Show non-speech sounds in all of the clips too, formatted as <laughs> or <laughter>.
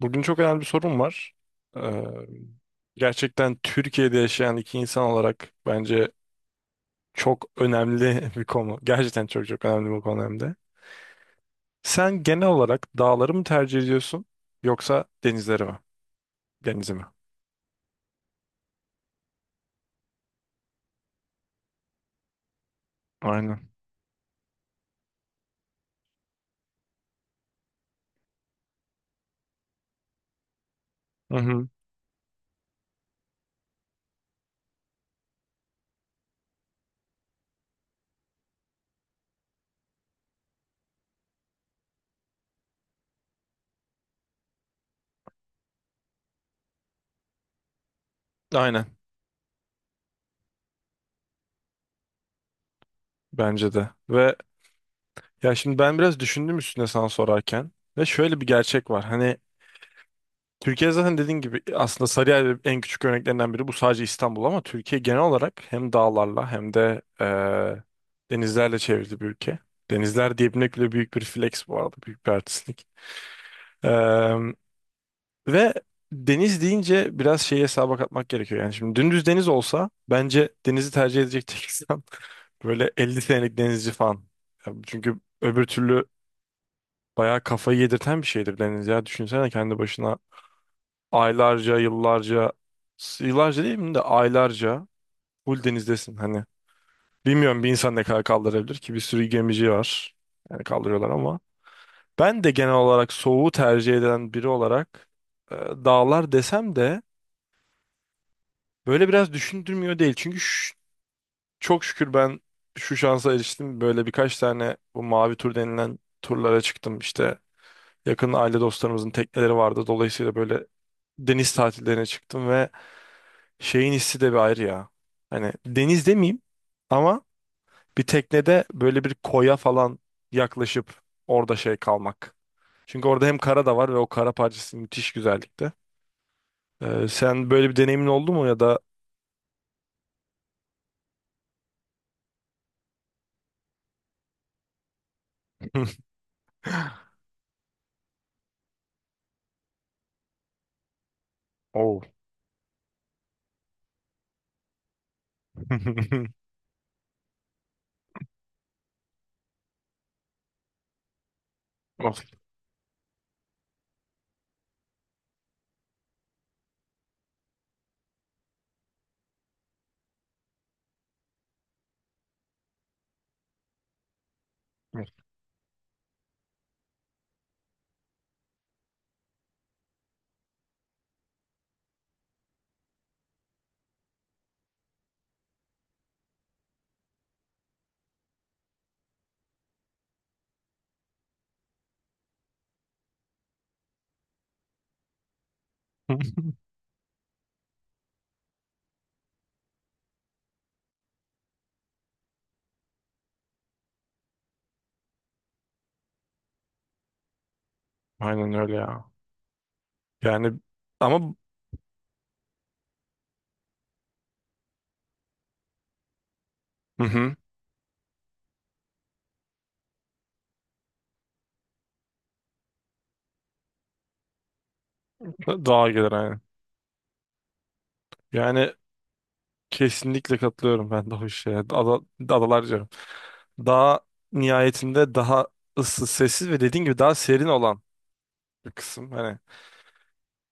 Bugün çok önemli bir sorun var. Ee, Gerçekten Türkiye'de yaşayan iki insan olarak bence çok önemli <laughs> bir konu. Gerçekten çok önemli bir konu hem de. Sen genel olarak dağları mı tercih ediyorsun yoksa denizleri mi? Denizi mi? Aynen. Hı hı. Aynen. Bence de. Ve ya şimdi ben biraz düşündüm üstüne sana sorarken ve şöyle bir gerçek var. Hani Türkiye zaten dediğin gibi aslında Sarıyer en küçük örneklerinden biri. Bu sadece İstanbul ama Türkiye genel olarak hem dağlarla hem de denizlerle çevrili bir ülke. Denizler diyebilmek bile büyük bir flex bu arada. Büyük bir artistlik. Eee, Ve deniz deyince biraz şeyi hesaba katmak gerekiyor. Yani şimdi dümdüz deniz olsa bence denizi tercih edecek tek insan <laughs> böyle 50 senelik denizci falan. Ya çünkü öbür türlü bayağı kafayı yedirten bir şeydir deniz ya. Düşünsene kendi başına aylarca, yıllarca, yıllarca değil mi de aylarca full denizdesin hani. Bilmiyorum bir insan ne kadar kaldırabilir ki, bir sürü gemici var. Yani kaldırıyorlar ama. Ben de genel olarak soğuğu tercih eden biri olarak dağlar desem de böyle biraz düşündürmüyor değil. Çünkü çok şükür ben şu şansa eriştim. Böyle birkaç tane bu mavi tur denilen turlara çıktım. İşte yakın aile dostlarımızın tekneleri vardı. Dolayısıyla böyle deniz tatillerine çıktım ve şeyin hissi de bir ayrı ya. Hani deniz demeyeyim ama bir teknede böyle bir koya falan yaklaşıp orada şey kalmak. Çünkü orada hem kara da var ve o kara parçası müthiş güzellikte. Sen böyle bir deneyimin oldu mu ya da <laughs> oh. <laughs> Of. <laughs> Aynen öyle ya. Yani ama hı hı. Daha gelir aynen. Yani kesinlikle katılıyorum ben de o işe. Adalar daha nihayetinde daha ıssız, sessiz ve dediğin gibi daha serin olan bir kısım. Hani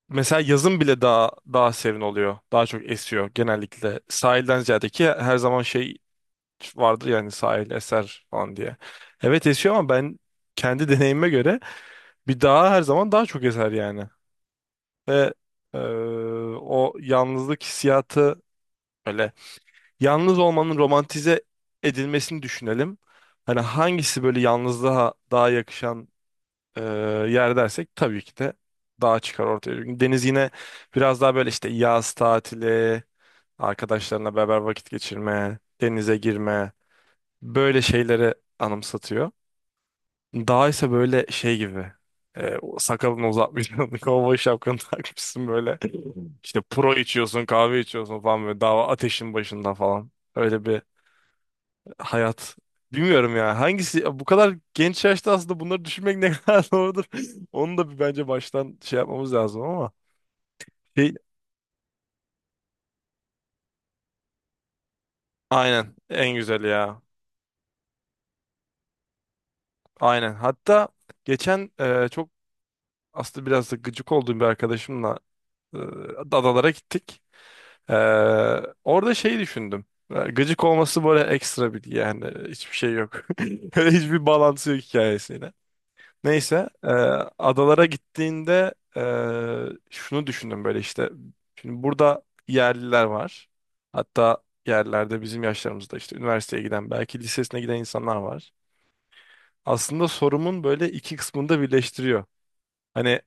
mesela yazın bile daha serin oluyor. Daha çok esiyor genellikle. Sahilden ziyade, ki her zaman şey vardır yani sahil eser falan diye. Evet esiyor ama ben kendi <laughs> deneyime göre bir daha her zaman daha çok eser yani. Ve eee, o yalnızlık hissiyatı böyle, yalnız olmanın romantize edilmesini düşünelim. Hani hangisi böyle yalnızlığa daha yakışan e, yer dersek tabii ki de dağ çıkar ortaya. Çünkü deniz yine biraz daha böyle işte yaz tatili, arkadaşlarına beraber vakit geçirme, denize girme böyle şeyleri anımsatıyor. Dağ ise böyle şey gibi, o sakalını uzatmışsın, <laughs> kovboy şapkanı takmışsın böyle. İşte pro içiyorsun, kahve içiyorsun falan böyle dağ ateşin başında falan. Öyle bir hayat. Bilmiyorum ya. Hangisi bu kadar genç yaşta aslında bunları düşünmek ne kadar <laughs> doğrudur. Onu da bir bence baştan şey yapmamız lazım ama. Şey, aynen. En güzeli ya. Aynen. Hatta geçen çok aslında biraz da gıcık olduğum bir arkadaşımla e, adalara gittik. E, Orada şey düşündüm. Gıcık olması böyle ekstra bir yani, hiçbir şey yok. <laughs> Hiçbir bağlantısı yok hikayesiyle. Neyse adalara gittiğinde şunu düşündüm böyle işte. Şimdi burada yerliler var. Hatta yerlerde bizim yaşlarımızda işte üniversiteye giden belki lisesine giden insanlar var. Aslında sorumun böyle iki kısmını da birleştiriyor. Hani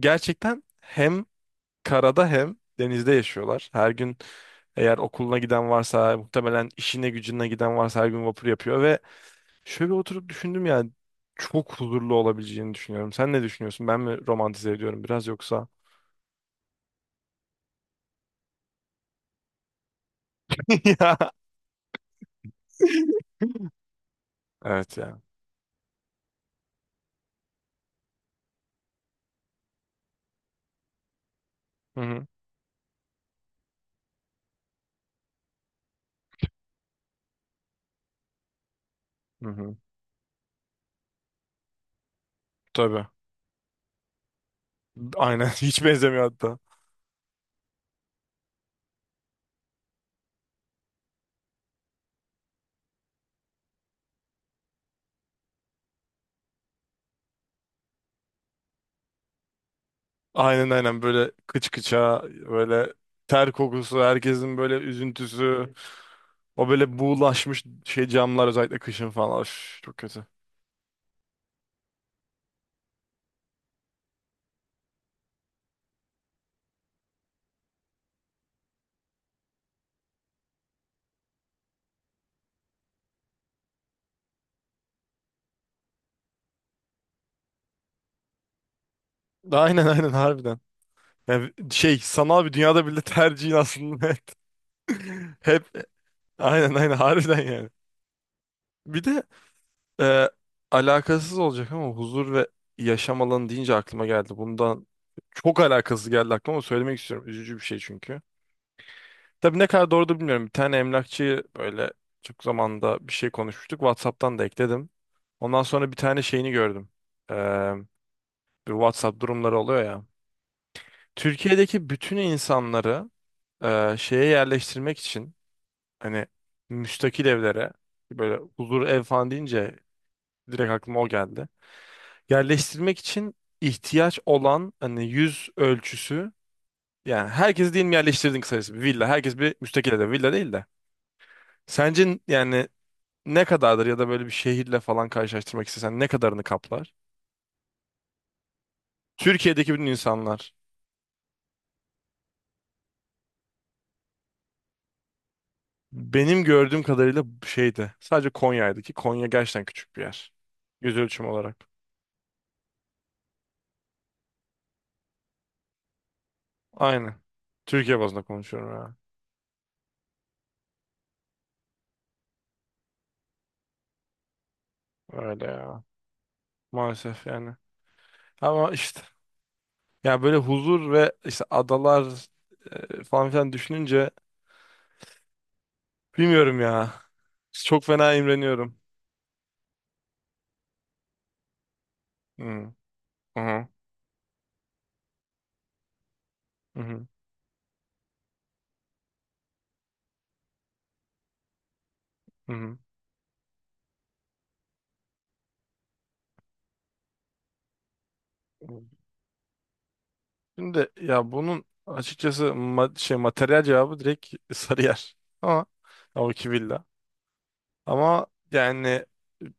gerçekten hem karada hem denizde yaşıyorlar. Her gün, eğer okuluna giden varsa muhtemelen işine gücüne giden varsa her gün vapur yapıyor ve şöyle oturup düşündüm yani çok huzurlu olabileceğini düşünüyorum. Sen ne düşünüyorsun? Ben mi romantize ediyorum biraz yoksa? <laughs> Ya. Evet ya. Hı hı. Hı hı. Tabii. Aynen <laughs> hiç benzemiyor hatta. Aynen, böyle kıç kıça böyle ter kokusu, herkesin böyle üzüntüsü, o böyle buğulaşmış şey camlar özellikle kışın falan. Üf, çok kötü. Aynen, harbiden. Yani şey, sanal bir dünyada bile tercihin aslında <laughs> net. Hep aynen, harbiden yani. Bir de Ee, alakasız olacak ama huzur ve yaşam alanı deyince aklıma geldi. Bundan çok alakasız geldi aklıma ama söylemek istiyorum. Üzücü bir şey çünkü. Tabii ne kadar doğru da bilmiyorum. Bir tane emlakçıyı böyle çok zamanda bir şey konuşmuştuk. WhatsApp'tan da ekledim. Ondan sonra bir tane şeyini gördüm. Ee, Bir WhatsApp durumları oluyor ya. Türkiye'deki bütün insanları şeye yerleştirmek için, hani müstakil evlere, böyle huzur ev falan deyince direkt aklıma o geldi. Yerleştirmek için ihtiyaç olan hani yüz ölçüsü, yani herkesi diyelim yerleştirdin, kısacası bir villa. Herkes bir müstakil evde, villa değil de. Sence yani ne kadardır ya da böyle bir şehirle falan karşılaştırmak istesen ne kadarını kaplar? Türkiye'deki bütün insanlar benim gördüğüm kadarıyla şeydi. Sadece Konya'ydı, ki Konya gerçekten küçük bir yer. Yüz ölçümü olarak. Aynen. Türkiye bazında konuşuyorum ya. Öyle ya. Maalesef yani. Ama işte, ya böyle huzur ve işte adalar falan filan düşününce bilmiyorum ya. Çok fena imreniyorum. Hı hı hı hı. Hı. Şimdi ya bunun açıkçası şey materyal cevabı direkt <laughs> Sarıyer. Ama ya o iki villa. Ama yani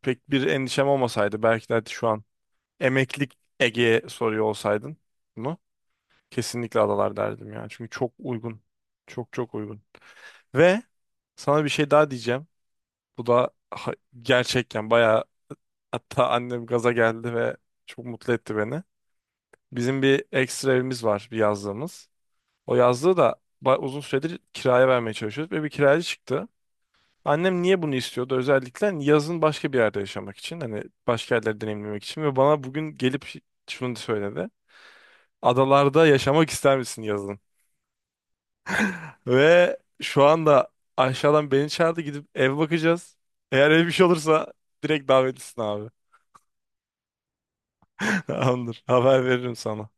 pek bir endişem olmasaydı, belki de şu an emeklilik Ege'ye soruyor olsaydın bunu, kesinlikle adalar derdim ya. Çünkü çok uygun. Çok uygun. Ve sana bir şey daha diyeceğim. Bu da gerçekten bayağı, hatta annem gaza geldi ve çok mutlu etti beni. Bizim bir ekstra evimiz var, bir yazlığımız. O yazlığı da uzun süredir kiraya vermeye çalışıyoruz ve bir kiracı çıktı. Annem niye bunu istiyordu? Özellikle hani yazın başka bir yerde yaşamak için, hani başka yerleri deneyimlemek için. Ve bana bugün gelip şunu söyledi. Adalarda yaşamak ister misin yazın? Ve şu anda aşağıdan beni çağırdı, gidip ev bakacağız. Eğer ev bir şey olursa direkt davetlisin abi. <laughs> Tamamdır. Haber veririm sana.